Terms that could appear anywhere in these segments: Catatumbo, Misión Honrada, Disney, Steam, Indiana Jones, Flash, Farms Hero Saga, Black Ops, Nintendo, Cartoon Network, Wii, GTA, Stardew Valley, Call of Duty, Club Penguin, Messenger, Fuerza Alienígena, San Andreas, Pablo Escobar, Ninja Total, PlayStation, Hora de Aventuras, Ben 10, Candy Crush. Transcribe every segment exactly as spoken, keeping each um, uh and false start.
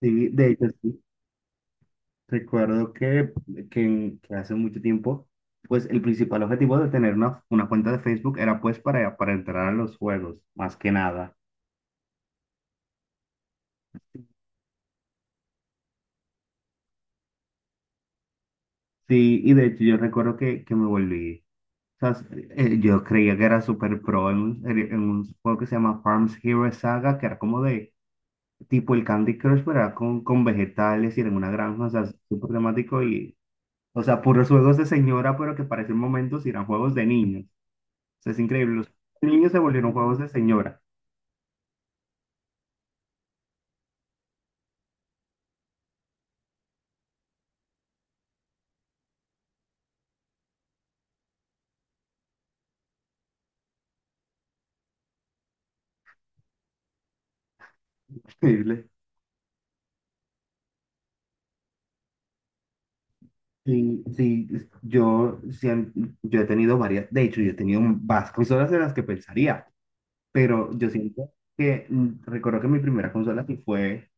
Sí, de hecho, sí. Recuerdo que, que, en- que hace mucho tiempo, pues el principal objetivo de tener una, una cuenta de Facebook era pues para, para entrar a los juegos, más que nada. Sí, y de hecho yo recuerdo que, que me volví, o sea, s- eh, yo creía que era super pro en un, en en un juego que se llama Farms Hero Saga, que era como de tipo el Candy Crush, pero era con, con vegetales y era en una granja, o sea, súper temático y, o sea, puros juegos de señora, pero que para ese momento sí eran juegos de niños. Sea, es increíble. Los niños se volvieron juegos de señora. Increíble. sí sí, es- yo, sien- yo he tenido varias, de hecho, yo he tenido más consolas de las que pensaría, pero yo siento que mm, recuerdo que mi primera consola sí fue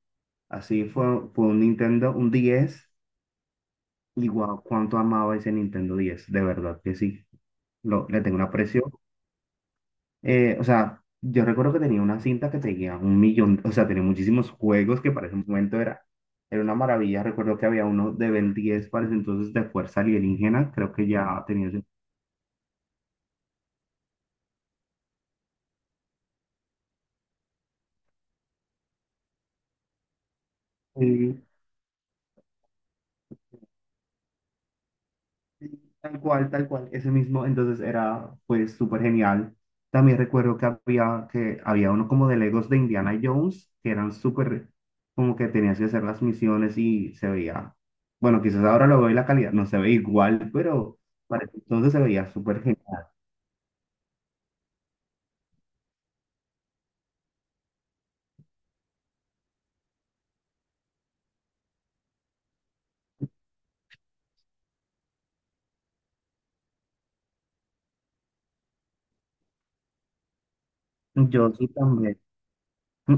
así, fue, fue un Nintendo, un diez y guau, cuánto amaba ese Nintendo diez de verdad que sí, lo, le tengo un aprecio. Eh, o sea, yo recuerdo que tenía una cinta que tenía un millón, o sea, tenía muchísimos juegos que para ese momento era, era una maravilla. Recuerdo que había uno de Ben diez para ese entonces de Fuerza Alienígena, creo que ya tenía ese. Sí, sí, tal cual, tal cual, ese mismo, entonces era pues súper genial. También recuerdo que había, que había uno como de Legos de Indiana Jones, que eran súper, como que tenías que hacer las misiones y se veía, bueno, quizás ahora lo veo y la calidad no se ve igual, pero para ese entonces se veía súper genial. Yo sí también. Mm.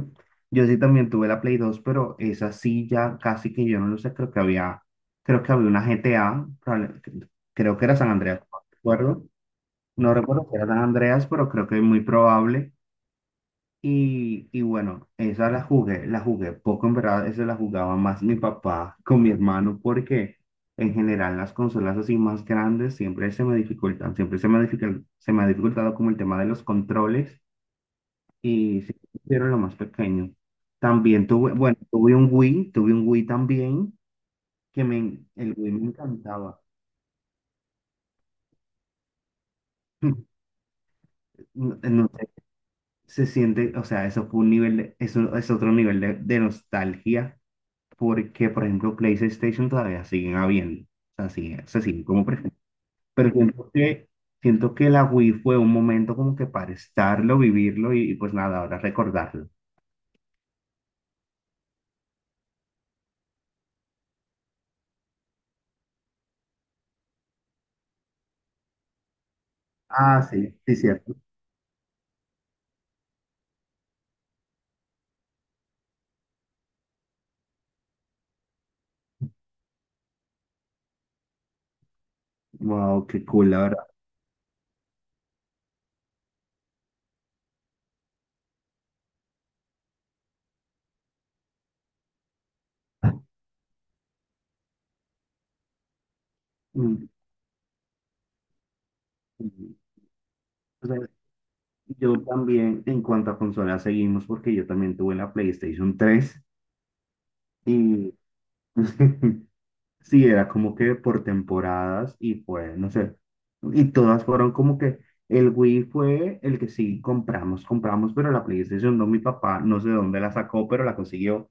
Yo sí también tuve la Play dos, pero esa sí ya casi que yo no lo sé. Creo que había, creo que había una G T A, probable- creo que era San Andreas, no recuerdo. No recuerdo si era San Andreas, pero creo que es muy probable. Y, y bueno, esa la jugué, la jugué poco, en verdad, esa la jugaba más mi papá con mi hermano, porque en general las consolas así más grandes siempre se me dificultan, siempre se me dificul- se me ha dificultado como el tema de los controles y sí, hicieron lo más pequeño. También tuve, bueno, tuve un Wii, tuve un Wii también, que me, el Wii me encantaba. No, no sé, se siente, o sea, eso fue un nivel, de- eso es otro nivel de, de nostalgia, porque, por ejemplo, PlayStation todavía siguen habiendo, o sea, sigue- se siguen como presentes. Pero siento que, siento que la Wii fue un momento como que para estarlo, vivirlo y, y pues nada, ahora recordarlo. Ah, sí, sí, cierto. Wow, qué cool, la verdad. Mm, mm. O sea, yo también, en cuanto a consolas, seguimos porque yo también tuve la PlayStation tres y sí, era como que por temporadas y fue, no sé, y todas fueron como que el Wii fue el que sí compramos, compramos, pero la PlayStation no, mi papá no sé de dónde la sacó, pero la consiguió.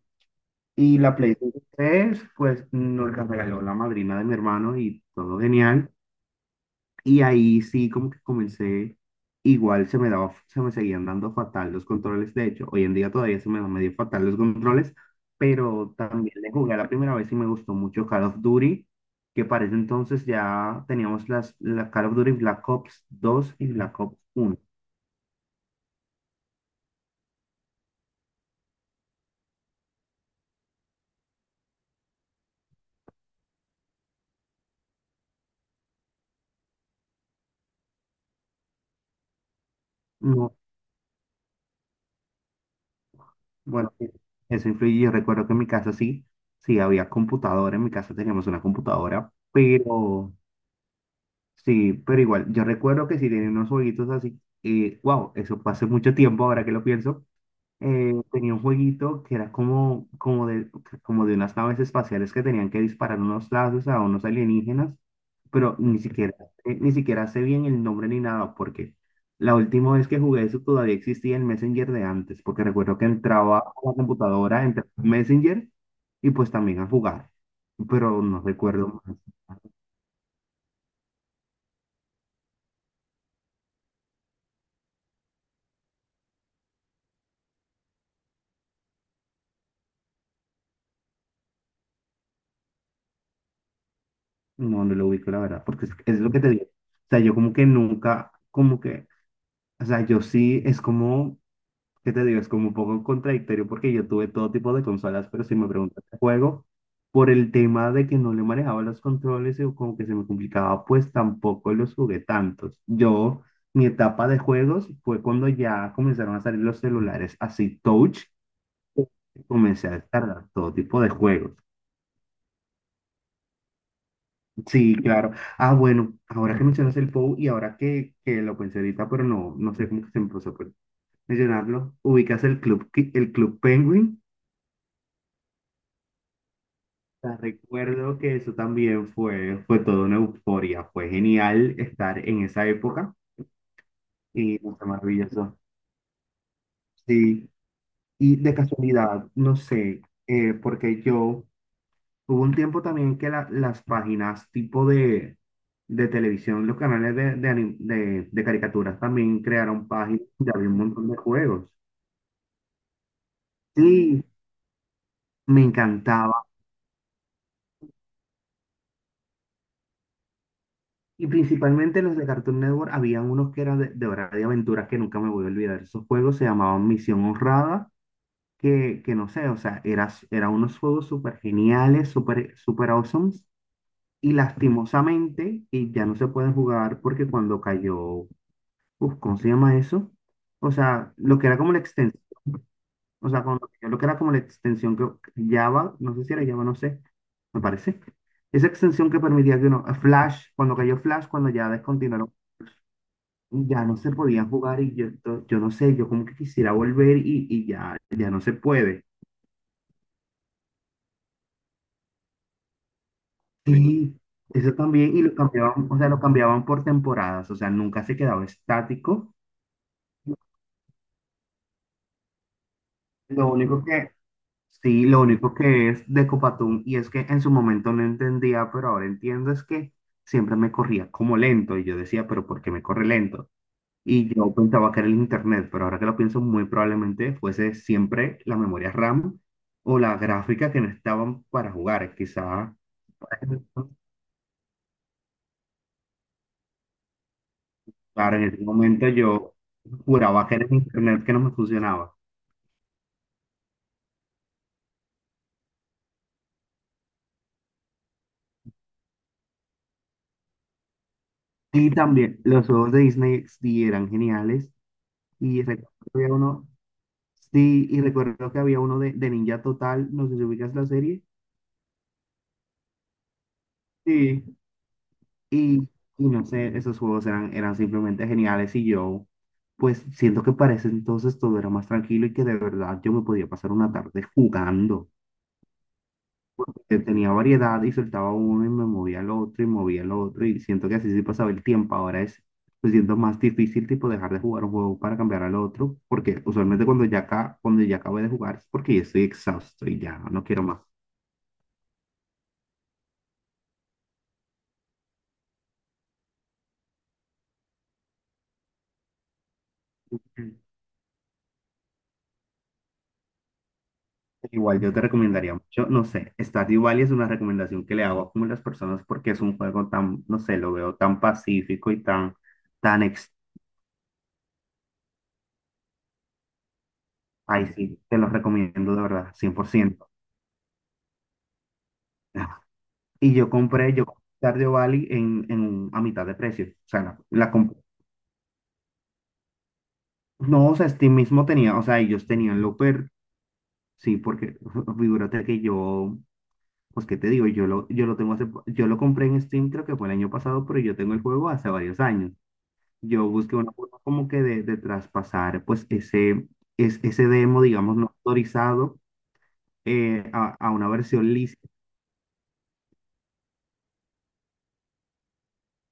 Y la PlayStation tres pues nos la regaló la madrina de mi hermano y todo genial. Y ahí sí, como que comencé, igual se me daba, se me seguían dando fatal los controles. De hecho, hoy en día todavía se me dan medio fatal los controles, pero también le jugué la primera vez y me gustó mucho Call of Duty, que para ese entonces ya teníamos las, la Call of Duty Black Ops dos y Black Ops uno. No, bueno, eso influye. Yo recuerdo que en mi casa sí, sí había computadora, en mi casa teníamos una computadora, pero sí, pero igual, yo recuerdo que si tenía unos jueguitos así, eh, wow, eso fue hace mucho tiempo, ahora que lo pienso, eh, tenía un jueguito que era como, como de, como de unas naves espaciales que tenían que disparar unos lazos a unos alienígenas, pero ni siquiera, eh, ni siquiera sé bien el nombre ni nada, porque la última vez que jugué eso todavía existía el Messenger de antes, porque recuerdo que entraba a la computadora, entraba a Messenger y pues también a jugar, pero no recuerdo. más. No, no lo ubico, la verdad, porque es, es lo que te digo. O sea, yo como que nunca, como que, o sea, yo sí, es como, ¿qué te digo? Es como un poco contradictorio porque yo tuve todo tipo de consolas, pero si me preguntas de juego, por el tema de que no le manejaba los controles y como que se me complicaba, pues tampoco los jugué tantos. Yo, mi etapa de juegos fue cuando ya comenzaron a salir los celulares así touch, comencé a descargar todo tipo de juegos. Sí, claro. Ah, bueno, ahora que mencionas el POU y ahora que, que lo pensé ahorita, pero no, no sé cómo se me pasó por mencionarlo, ubicas el Club, Ki- el Club Penguin. O sea, recuerdo que eso también fue, fue toda una euforia. Fue genial estar en esa época y fue maravilloso. Sí, y de casualidad, no sé, eh, porque yo hubo un tiempo también que la- las páginas tipo de, de televisión, los canales de, de, anim- de- de caricaturas también crearon páginas donde había un montón de juegos. Sí, me encantaba. Y principalmente los de Cartoon Network, habían unos que eran de, de Hora de Aventuras que nunca me voy a olvidar. Esos juegos se llamaban Misión Honrada, que, que no sé, o sea, eran era unos juegos súper geniales, súper super awesome. Y lastimosamente, y ya no se pueden jugar porque cuando cayó, uf, ¿cómo se llama eso? O sea, lo que era como la extensión, o sea, cuando- lo que era como la extensión que Java, no sé si era Java, no sé, me parece. Esa extensión que permitía que uno, eh, Flash, cuando cayó Flash, cuando ya descontinuaron, ya no se podía jugar y yo, to- yo no sé, yo como que quisiera volver y, y ya, ya no se puede. Sí, eso también, y lo cambiaban, o sea, lo cambiaban por temporadas, o sea, nunca se quedaba estático. Lo único que, sí, lo único que es de Copatún, y es que en su momento no entendía, pero ahora entiendo, es que siempre me corría como lento, y yo decía, pero ¿por qué me corre lento? Y yo pensaba que era el internet, pero ahora que lo pienso, muy probablemente fuese siempre la memoria RAM o la gráfica que no estaban para jugar. Quizá, claro, en ese momento yo juraba que era el internet que no me funcionaba. Y también los juegos de Disney sí eran geniales, y recuerdo que había uno. Sí, y recuerdo que había uno de, de Ninja Total, no sé si ubicas la serie. Sí. Y, y no sé, esos juegos eran, eran simplemente geniales y yo, pues siento que para ese entonces todo era más tranquilo y que de verdad yo me podía pasar una tarde jugando, porque tenía variedad y soltaba uno y me movía al otro y movía al otro y siento que así sí pasaba el tiempo, ahora es, pues siento más difícil tipo dejar de jugar un juego para cambiar al otro, porque usualmente cuando ya, acá, cuando ya acabé de jugar es porque ya estoy exhausto y ya no quiero más. Igual yo te recomendaría mucho, no sé, Stardew Valley es una recomendación que le hago a como las personas porque es un juego tan, no sé, lo veo tan pacífico y tan, tan ex. Ay, sí, te lo recomiendo de verdad, cien por ciento. Y yo compré, yo compré Stardew Valley en, en un- a mitad de precio. O sea, la, la comp- No, o sea, Steam mismo tenía, o sea, ellos tenían lo per, sí, porque figúrate que yo, pues, ¿qué te digo? Yo lo, yo lo tengo hace, yo lo compré en Steam, creo que fue el año pasado, pero yo tengo el juego hace varios años. Yo busqué una forma como que de, de traspasar pues ese, es, ese demo, digamos, no autorizado, eh, a, a una versión lícita.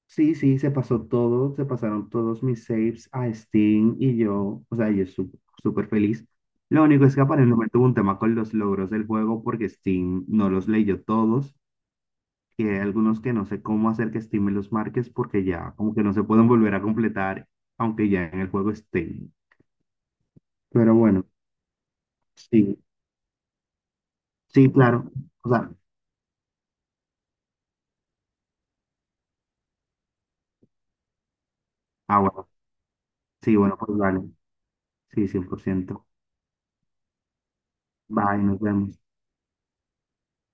Sí, sí, se pasó todo, se pasaron todos mis saves a Steam y yo, o sea, yo su- súper feliz. Lo único es que aparentemente tuvo un tema con los logros del juego porque Steam no los leyó todos y hay algunos que no sé cómo hacer que Steam me los marques porque ya como que no se pueden volver a completar aunque ya en el juego estén. Pero bueno, sí, sí, claro. O sea, ah, bueno. Sí, bueno, pues vale. Sí, cien por ciento. Bye, nos vemos.